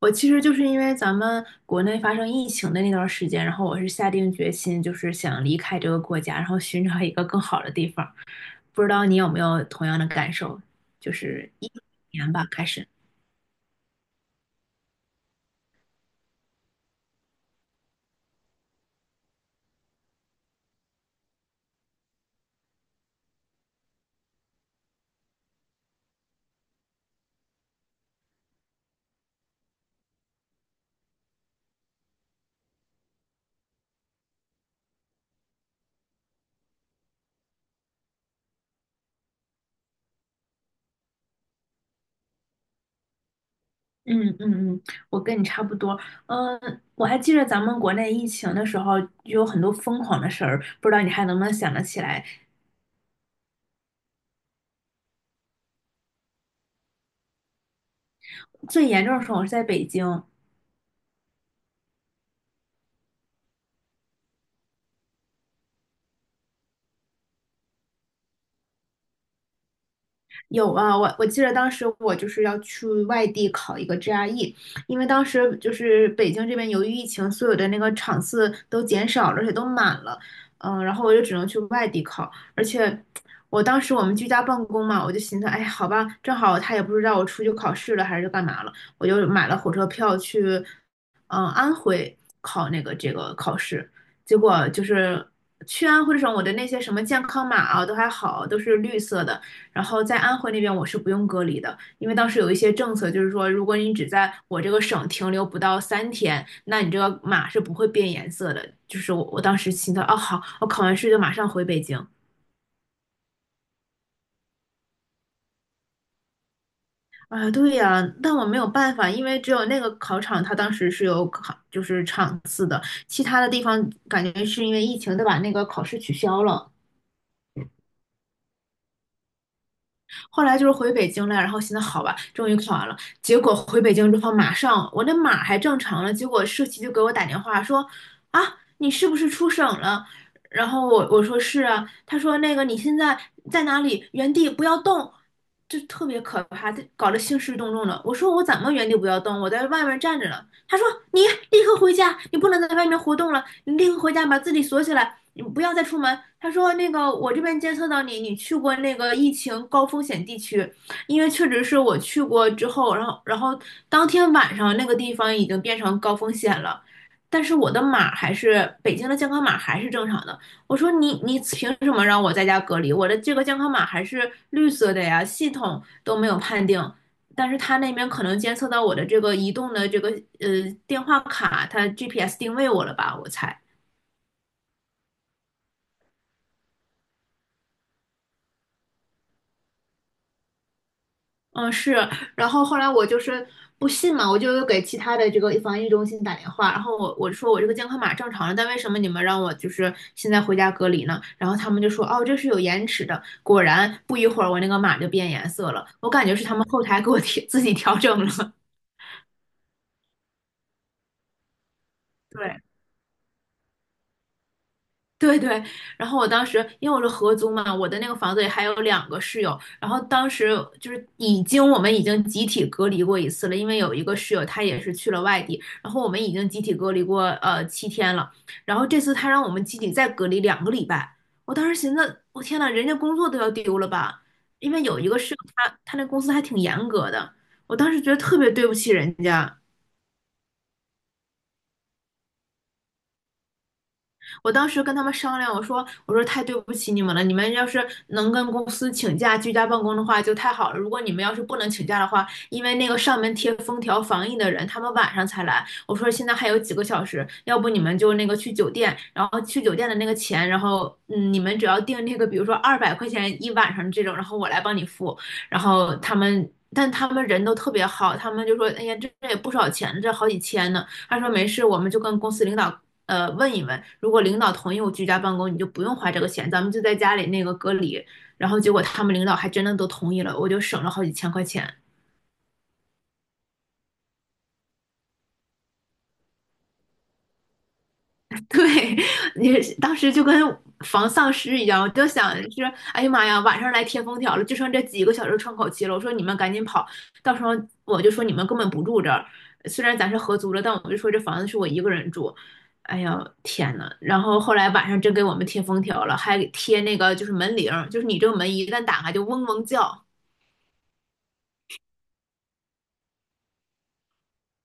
我其实就是因为咱们国内发生疫情的那段时间，然后我是下定决心，就是想离开这个国家，然后寻找一个更好的地方。不知道你有没有同样的感受？就是19年吧，开始。嗯嗯嗯，我跟你差不多。嗯，我还记得咱们国内疫情的时候，有很多疯狂的事儿，不知道你还能不能想得起来？最严重的时候我是在北京，有啊，我记得当时我就是要去外地考一个 GRE，因为当时就是北京这边由于疫情，所有的那个场次都减少了，而且都满了，嗯，然后我就只能去外地考，而且我当时我们居家办公嘛，我就寻思，哎，好吧，正好他也不知道我出去考试了还是干嘛了，我就买了火车票去，嗯，安徽考那个这个考试，结果就是去安徽省，我的那些什么健康码啊都还好，都是绿色的。然后在安徽那边我是不用隔离的，因为当时有一些政策，就是说如果你只在我这个省停留不到3天，那你这个码是不会变颜色的。就是我当时心想，啊，好，我考完试就马上回北京。啊，对呀，但我没有办法，因为只有那个考场，它当时是有考，就是场次的，其他的地方感觉是因为疫情，都把那个考试取消了。后来就是回北京了，然后现在好吧，终于考完了。结果回北京之后，马上我那码还正常了，结果社企就给我打电话说，啊，你是不是出省了？然后我说是啊，他说那个你现在在哪里？原地不要动，就特别可怕，这搞得兴师动众的。我说我怎么原地不要动？我在外面站着呢。他说你立刻回家，你不能在外面活动了，你立刻回家把自己锁起来，你不要再出门。他说那个我这边监测到你，你去过那个疫情高风险地区，因为确实是我去过之后，然后当天晚上那个地方已经变成高风险了。但是我的码还是北京的健康码还是正常的。我说你凭什么让我在家隔离？我的这个健康码还是绿色的呀，系统都没有判定。但是他那边可能监测到我的这个移动的这个呃电话卡，他 GPS 定位我了吧？我猜。嗯，是，然后后来我就是不信嘛，我就又给其他的这个防疫中心打电话，然后我说我这个健康码正常了，但为什么你们让我就是现在回家隔离呢？然后他们就说哦，这是有延迟的。果然不一会儿我那个码就变颜色了，我感觉是他们后台给我 自己调整了。对，对对，然后我当时因为我是合租嘛，我的那个房子里还有两个室友，然后当时就是我们已经集体隔离过一次了，因为有一个室友他也是去了外地，然后我们已经集体隔离过7天了，然后这次他让我们集体再隔离2个礼拜，我当时寻思，我天呐，人家工作都要丢了吧？因为有一个室友他那公司还挺严格的，我当时觉得特别对不起人家。我当时跟他们商量，我说太对不起你们了，你们要是能跟公司请假居家办公的话就太好了。如果你们要是不能请假的话，因为那个上门贴封条防疫的人，他们晚上才来。我说现在还有几个小时，要不你们就那个去酒店，然后去酒店的那个钱，然后你们只要订那个，比如说200块钱1晚上这种，然后我来帮你付。然后他们。但他们人都特别好，他们就说：“哎呀，这也不少钱，这好几千呢。”他说：“没事，我们就跟公司领导问一问，如果领导同意我居家办公，你就不用花这个钱，咱们就在家里那个隔离。然后结果他们领导还真的都同意了，我就省了好几千块钱。对，你当时就跟防丧尸一样，我就想是，哎呀妈呀，晚上来贴封条了，就剩这几个小时窗口期了。我说你们赶紧跑，到时候我就说你们根本不住这儿，虽然咱是合租了，但我就说这房子是我一个人住。哎呀，天呐，然后后来晚上真给我们贴封条了，还给贴那个就是门铃儿就是你这个门一旦打开就嗡嗡叫。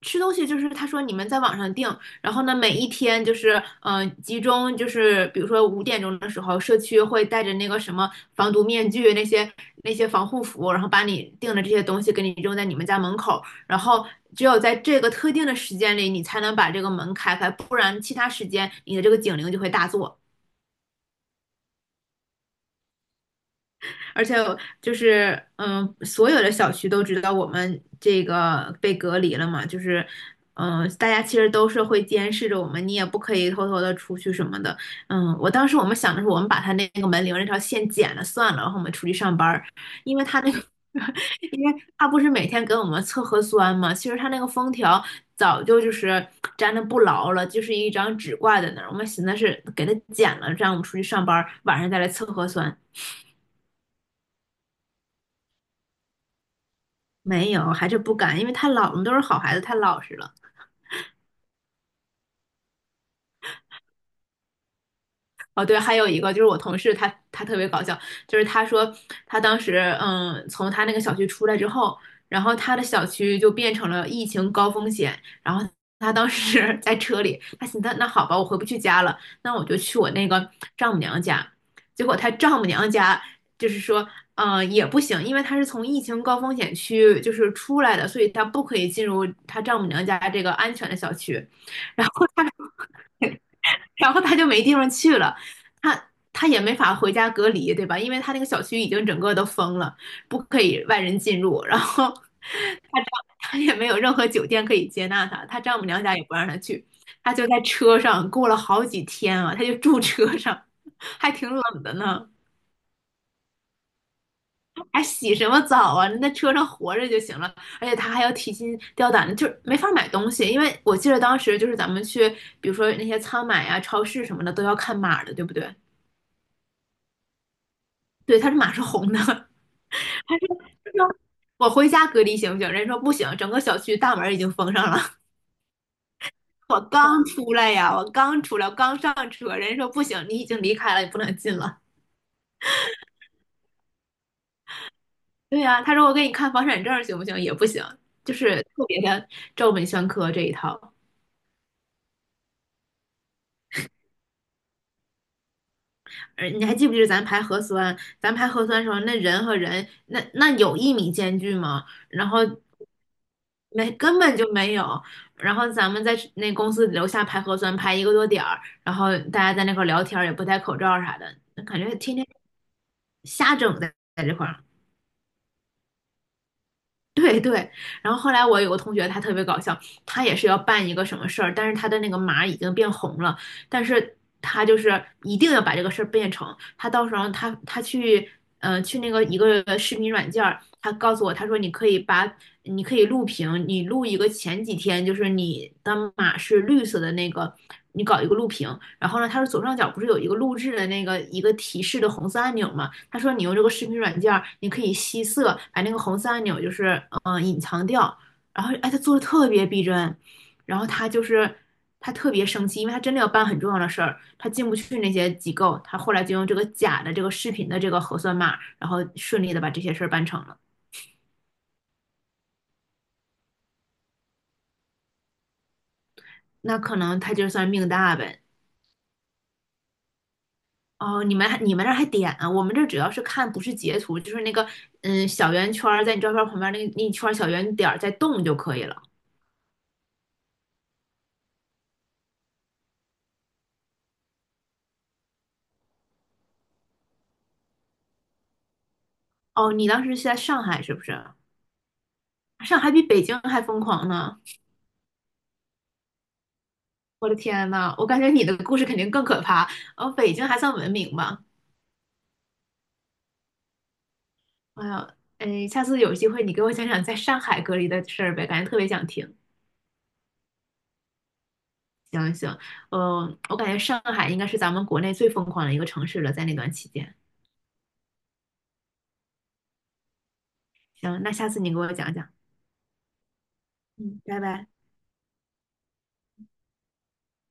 吃东西就是他说你们在网上订，然后呢，每一天就是集中就是比如说5点钟的时候，社区会带着那个什么防毒面具那些那些防护服，然后把你订的这些东西给你扔在你们家门口，然后只有在这个特定的时间里，你才能把这个门开开，不然其他时间你的这个警铃就会大作。而且就是嗯，所有的小区都知道我们这个被隔离了嘛，就是嗯，大家其实都是会监视着我们，你也不可以偷偷的出去什么的。嗯，我当时我们想的是，我们把他那个门铃那条线剪了算了，然后我们出去上班儿，因为他那个。因为他不是每天给我们测核酸嘛，其实他那个封条早就就是粘的不牢了，就是一张纸挂在那儿。我们寻思是给他剪了，这样我们出去上班晚上再来测核酸。没有，还是不敢，因为太老，我们都是好孩子，太老实了。哦，对，还有一个就是我同事他，他特别搞笑，就是他说他当时嗯，从他那个小区出来之后，然后他的小区就变成了疫情高风险，然后他当时 在车里，他寻思那好吧，我回不去家了，那我就去我那个丈母娘家，结果他丈母娘家就是说。嗯，也不行，因为他是从疫情高风险区就是出来的，所以他不可以进入他丈母娘家这个安全的小区。然后他就没地方去了，他也没法回家隔离，对吧？因为他那个小区已经整个都封了，不可以外人进入。然后他丈他也没有任何酒店可以接纳他，他丈母娘家也不让他去，他就在车上过了好几天啊，他就住车上，还挺冷的呢，还洗什么澡啊？那车上活着就行了。而且他还要提心吊胆的，就是没法买东西，因为我记得当时就是咱们去，比如说那些仓买啊、超市什么的都要看码的，对不对？对，他是马是红的，他是说我回家隔离行不行？人说不行，整个小区大门已经封上了。我刚出来呀，我刚出来，我刚上车，人家说不行，你已经离开了，你不能进了。对呀，他说我给你看房产证行不行？也不行，就是特别的照本宣科这一套。你还记不记得咱排核酸？咱排核酸的时候，那人和人，那有1米间距吗？然后没，根本就没有。然后咱们在那公司楼下排核酸，排一个多点儿，然后大家在那块儿聊天儿也不戴口罩啥的，感觉天天瞎整在这块儿。对对，然后后来我有个同学，他特别搞笑，他也是要办一个什么事儿，但是他的那个码已经变红了，但是他就是一定要把这个事儿变成，他到时候他去，呃，去那个一个视频软件儿，他告诉我，他说你可以录屏，你录一个前几天就是你的码是绿色的那个，你搞一个录屏，然后呢，它是左上角不是有一个录制的那个一个提示的红色按钮吗？他说你用这个视频软件儿你可以吸色，把那个红色按钮就是隐藏掉，然后哎，他做的特别逼真，然后他就是他特别生气，因为他真的要办很重要的事儿，他进不去那些机构，他后来就用这个假的这个视频的这个核酸码，然后顺利的把这些事儿办成了。那可能他就算命大呗。哦，你们那儿还点啊？我们这儿主要是看不是截图，就是那个嗯小圆圈儿在你照片旁边那一圈儿小圆点儿在动就可以了。哦，你当时是在上海是不是？上海比北京还疯狂呢！我的天呐，我感觉你的故事肯定更可怕。哦，北京还算文明吧？哎呀，哎，下次有机会你给我讲讲在上海隔离的事儿呗，感觉特别想听。行行，我感觉上海应该是咱们国内最疯狂的一个城市了，在那段期间。行，那下次你给我讲讲。嗯，拜拜。